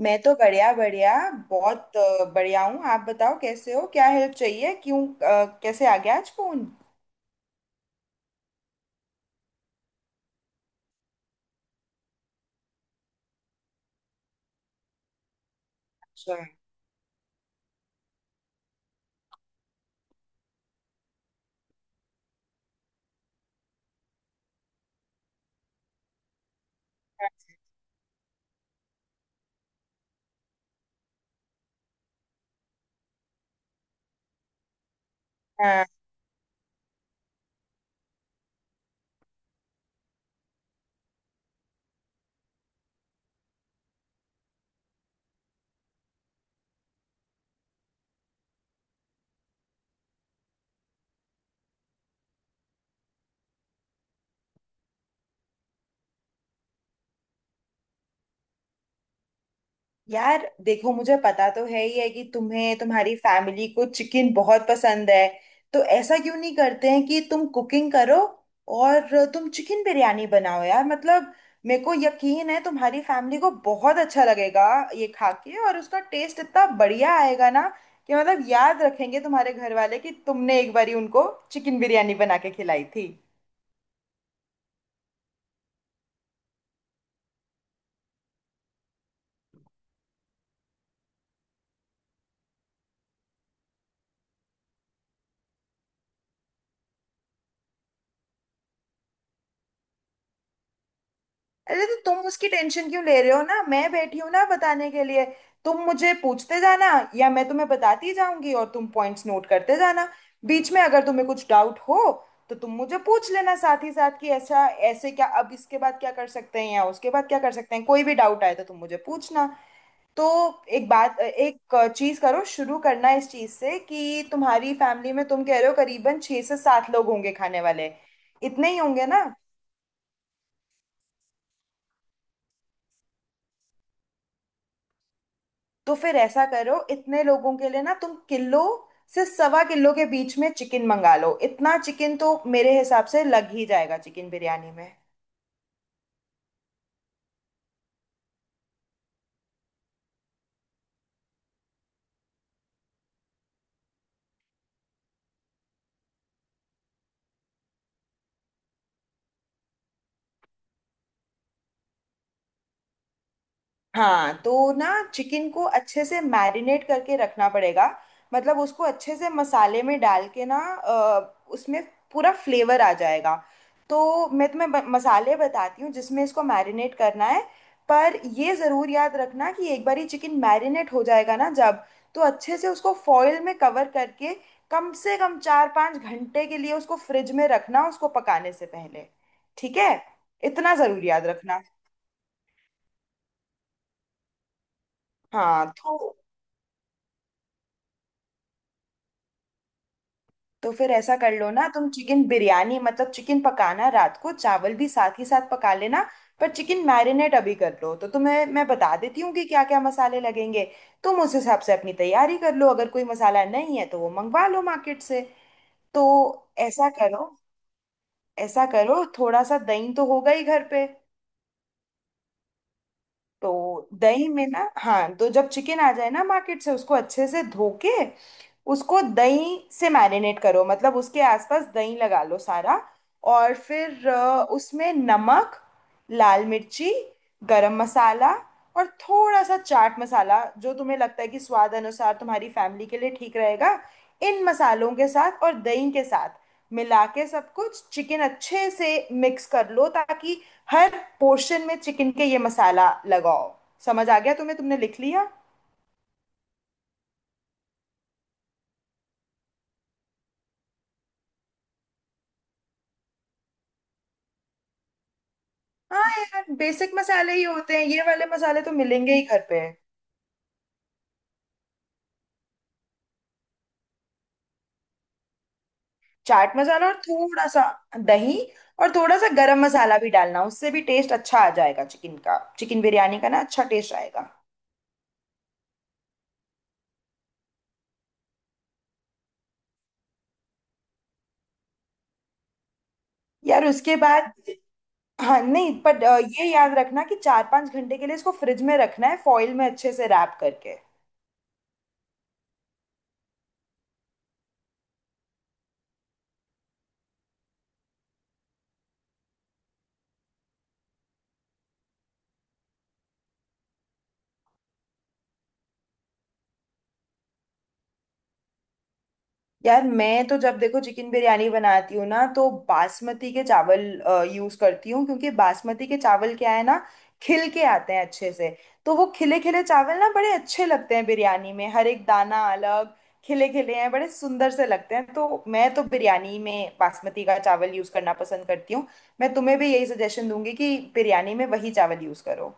मैं तो बढ़िया बढ़िया बहुत बढ़िया हूँ। आप बताओ, कैसे हो? क्या हेल्प चाहिए? क्यों कैसे आ गया आज फोन? अच्छा। यार देखो, मुझे पता तो है ही है कि तुम्हें तुम्हारी फैमिली को चिकन बहुत पसंद है। तो ऐसा क्यों नहीं करते हैं कि तुम कुकिंग करो और तुम चिकन बिरयानी बनाओ? यार मतलब मेरे को यकीन है तुम्हारी फैमिली को बहुत अच्छा लगेगा ये खा के, और उसका टेस्ट इतना बढ़िया आएगा ना कि मतलब याद रखेंगे तुम्हारे घर वाले कि तुमने एक बारी उनको चिकन बिरयानी बना के खिलाई थी। अरे तो तुम उसकी टेंशन क्यों ले रहे हो? ना मैं बैठी हूं ना बताने के लिए। तुम मुझे पूछते जाना, या मैं तुम्हें बताती जाऊंगी और तुम पॉइंट्स नोट करते जाना। बीच में अगर तुम्हें कुछ डाउट हो तो तुम मुझे पूछ लेना साथ ही साथ कि ऐसा ऐसे क्या, अब इसके बाद क्या कर सकते हैं या उसके बाद क्या कर सकते हैं। कोई भी डाउट आए तो तुम मुझे पूछना। तो एक बात, एक चीज करो, शुरू करना इस चीज से कि तुम्हारी फैमिली में, तुम कह रहे हो, करीबन छह से सात लोग होंगे खाने वाले। इतने ही होंगे ना? तो फिर ऐसा करो, इतने लोगों के लिए ना तुम किलो से सवा किलो के बीच में चिकन मंगा लो। इतना चिकन तो मेरे हिसाब से लग ही जाएगा चिकन बिरयानी में। हाँ तो ना, चिकन को अच्छे से मैरिनेट करके रखना पड़ेगा। मतलब उसको अच्छे से मसाले में डाल के ना, उसमें पूरा फ्लेवर आ जाएगा। तो मैं तुम्हें मसाले बताती हूँ जिसमें इसको मैरिनेट करना है। पर ये ज़रूर याद रखना कि एक बार ही चिकन मैरिनेट हो जाएगा ना जब, तो अच्छे से उसको फॉil में कवर करके कम से कम 4-5 घंटे के लिए उसको फ्रिज में रखना, उसको पकाने से पहले। ठीक है, इतना ज़रूर याद रखना। हाँ तो फिर ऐसा कर लो ना, तुम चिकन बिरयानी मतलब चिकन पकाना रात को, चावल भी साथ ही साथ पका लेना। पर चिकन मैरिनेट अभी कर लो, तो तुम्हें मैं बता देती हूँ कि क्या क्या मसाले लगेंगे। तुम उस हिसाब से अपनी तैयारी कर लो, अगर कोई मसाला नहीं है तो वो मंगवा लो मार्केट से। तो ऐसा करो ऐसा करो, थोड़ा सा दही तो होगा ही घर पे। तो दही में ना, हाँ तो जब चिकन आ जाए ना मार्केट से, उसको अच्छे से धो के उसको दही से मैरिनेट करो, मतलब उसके आसपास दही लगा लो सारा। और फिर उसमें नमक, लाल मिर्ची, गरम मसाला और थोड़ा सा चाट मसाला जो तुम्हें लगता है कि स्वाद अनुसार तुम्हारी फैमिली के लिए ठीक रहेगा। इन मसालों के साथ और दही के साथ मिला के सब कुछ चिकन अच्छे से मिक्स कर लो, ताकि हर पोर्शन में चिकन के ये मसाला लगाओ। समझ आ गया तुम्हें? तुमने लिख लिया? हाँ यार, बेसिक मसाले ही होते हैं ये वाले, मसाले तो मिलेंगे ही घर पे। चाट मसाला और थोड़ा सा दही और थोड़ा सा गरम मसाला भी डालना, उससे भी टेस्ट अच्छा आ जाएगा चिकन का, चिकन बिरयानी का ना अच्छा टेस्ट आएगा। यार उसके बाद, हाँ नहीं, पर ये याद रखना कि 4-5 घंटे के लिए इसको फ्रिज में रखना है, फॉइल में अच्छे से रैप करके। यार मैं तो जब देखो चिकन बिरयानी बनाती हूँ ना, तो बासमती के चावल यूज करती हूँ, क्योंकि बासमती के चावल क्या है ना, खिल के आते हैं अच्छे से। तो वो खिले खिले चावल ना बड़े अच्छे लगते हैं बिरयानी में, हर एक दाना अलग खिले खिले हैं, बड़े सुंदर से लगते हैं। तो मैं तो बिरयानी में बासमती का चावल यूज करना पसंद करती हूँ। मैं तुम्हें भी यही सजेशन दूंगी कि बिरयानी में वही चावल यूज करो।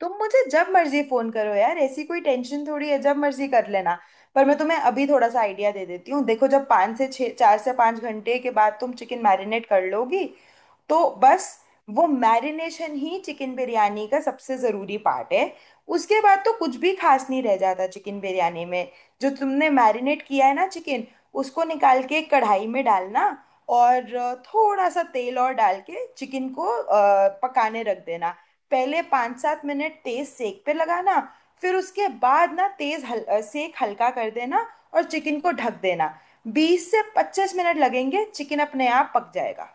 तुम मुझे जब मर्जी फोन करो यार, ऐसी कोई टेंशन थोड़ी है, जब मर्जी कर लेना। पर मैं तुम्हें अभी थोड़ा सा आइडिया दे देती हूँ। देखो, जब 5 से 6, 4 से 5 घंटे के बाद तुम चिकन मैरिनेट कर लोगी, तो बस वो मैरिनेशन ही चिकन बिरयानी का सबसे ज़रूरी पार्ट है। उसके बाद तो कुछ भी खास नहीं रह जाता चिकन बिरयानी में। जो तुमने मैरिनेट किया है ना चिकन, उसको निकाल के कढ़ाई में डालना और थोड़ा सा तेल और डाल के चिकन को पकाने रख देना। पहले 5-7 मिनट तेज सेक पे लगाना, फिर उसके बाद ना तेज सेक हल्का कर देना और चिकन को ढक देना। 20 से 25 मिनट लगेंगे, चिकन अपने आप पक जाएगा।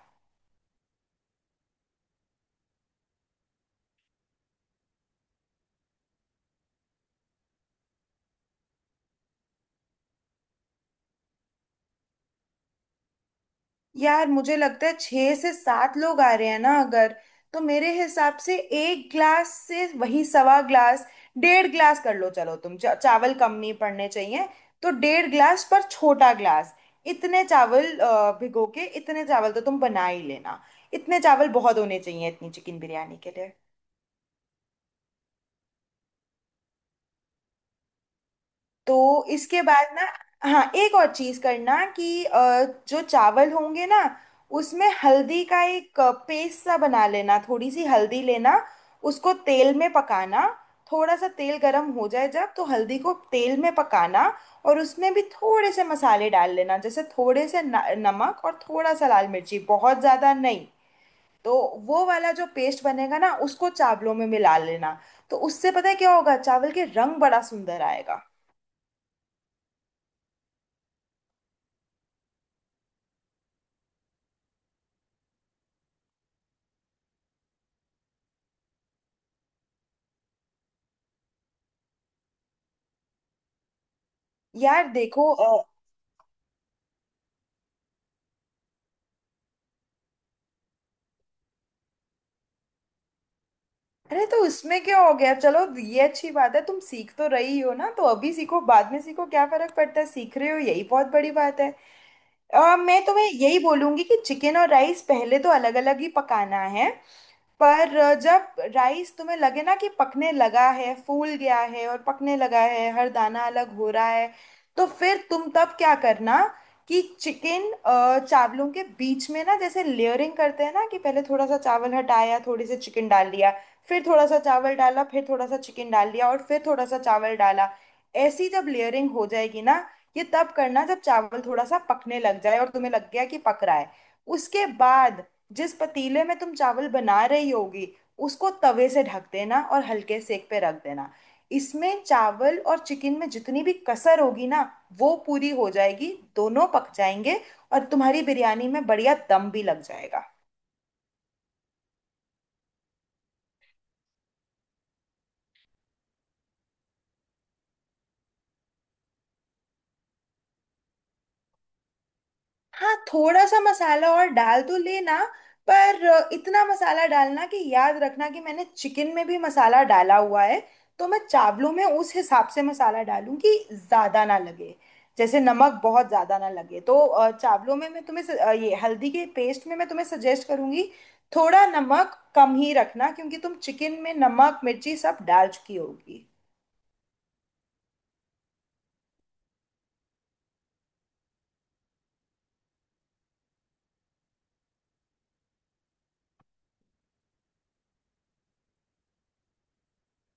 यार मुझे लगता है छह से सात लोग आ रहे हैं ना अगर, तो मेरे हिसाब से एक ग्लास से वही सवा ग्लास, डेढ़ ग्लास कर लो चलो तुम, चावल कम नहीं पड़ने चाहिए। तो डेढ़ ग्लास पर छोटा ग्लास, इतने चावल भिगो के इतने चावल तो तुम बना ही लेना। इतने चावल बहुत होने चाहिए इतनी चिकन बिरयानी के लिए। तो इसके बाद ना, हाँ एक और चीज करना कि जो चावल होंगे ना, उसमें हल्दी का एक पेस्ट सा बना लेना, थोड़ी सी हल्दी लेना, उसको तेल में पकाना। थोड़ा सा तेल गरम हो जाए जब, तो हल्दी को तेल में पकाना और उसमें भी थोड़े से मसाले डाल लेना, जैसे थोड़े से न, नमक और थोड़ा सा लाल मिर्ची, बहुत ज़्यादा नहीं। तो वो वाला जो पेस्ट बनेगा ना, उसको चावलों में मिला लेना। तो उससे पता है क्या होगा, चावल के रंग बड़ा सुंदर आएगा। यार देखो, अरे तो इसमें क्या हो गया? चलो ये अच्छी बात है, तुम सीख तो रही हो ना, तो अभी सीखो बाद में सीखो क्या फर्क पड़ता है, सीख रहे हो यही बहुत बड़ी बात है। मैं तुम्हें यही बोलूंगी कि चिकन और राइस पहले तो अलग अलग ही पकाना है। पर जब राइस तुम्हें लगे ना कि पकने लगा है, फूल गया है और पकने लगा है, हर दाना अलग हो रहा है, तो फिर तुम तब क्या करना कि चिकन चावलों के बीच में ना, जैसे लेयरिंग करते हैं ना, कि पहले थोड़ा सा चावल हटाया, थोड़ी सी चिकन डाल दिया, फिर थोड़ा सा चावल डाला, फिर थोड़ा सा चिकन डाल दिया और फिर थोड़ा सा चावल डाला। ऐसी जब लेयरिंग हो जाएगी ना, ये तब करना जब चावल थोड़ा सा पकने लग जाए और तुम्हें लग गया कि पक रहा है। उसके बाद जिस पतीले में तुम चावल बना रही होगी, उसको तवे से ढक देना और हल्के सेक पे रख देना। इसमें चावल और चिकन में जितनी भी कसर होगी ना, वो पूरी हो जाएगी, दोनों पक जाएंगे और तुम्हारी बिरयानी में बढ़िया दम भी लग जाएगा। हाँ, थोड़ा सा मसाला और डाल तो लेना, पर इतना मसाला डालना कि याद रखना कि मैंने चिकन में भी मसाला डाला हुआ है। तो मैं चावलों में उस हिसाब से मसाला डालूं कि ज़्यादा ना लगे, जैसे नमक बहुत ज़्यादा ना लगे। तो चावलों में मैं तुम्हें ये हल्दी के पेस्ट में मैं तुम्हें सजेस्ट करूंगी, थोड़ा नमक कम ही रखना क्योंकि तुम चिकन में नमक मिर्ची सब डाल चुकी होगी।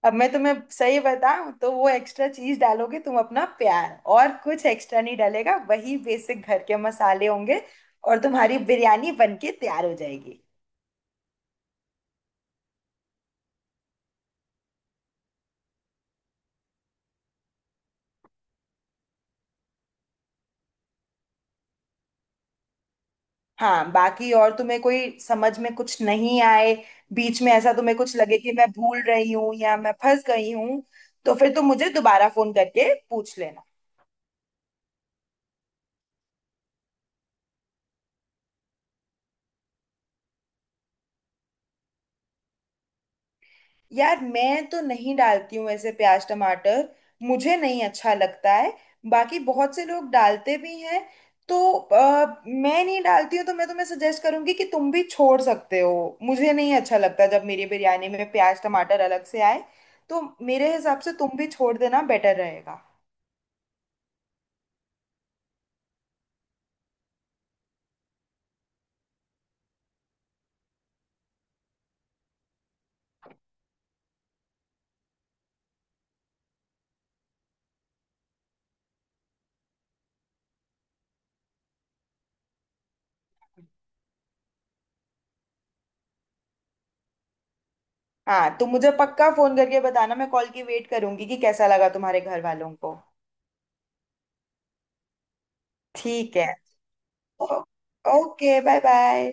अब मैं तुम्हें सही बताऊं, तो वो एक्स्ट्रा चीज डालोगे तुम अपना प्यार, और कुछ एक्स्ट्रा नहीं डालेगा, वही बेसिक घर के मसाले होंगे और तुम्हारी बिरयानी बनके तैयार हो जाएगी। हाँ बाकी, और तुम्हें कोई समझ में कुछ नहीं आए, बीच में ऐसा तुम्हें कुछ लगे कि मैं भूल रही हूँ या मैं फंस गई हूँ, तो फिर तुम मुझे दोबारा फोन करके पूछ लेना। यार मैं तो नहीं डालती हूँ ऐसे प्याज टमाटर, मुझे नहीं अच्छा लगता है। बाकी बहुत से लोग डालते भी हैं। तो मैं नहीं डालती हूँ, तो मैं तुम्हें सजेस्ट करूंगी कि तुम भी छोड़ सकते हो, मुझे नहीं अच्छा लगता जब मेरी बिरयानी में प्याज टमाटर अलग से आए। तो मेरे हिसाब से तुम भी छोड़ देना बेटर रहेगा। हाँ, तो मुझे पक्का फोन करके बताना, मैं कॉल की वेट करूंगी कि कैसा लगा तुम्हारे घर वालों को। ठीक है। ओ- ओके, बाय बाय।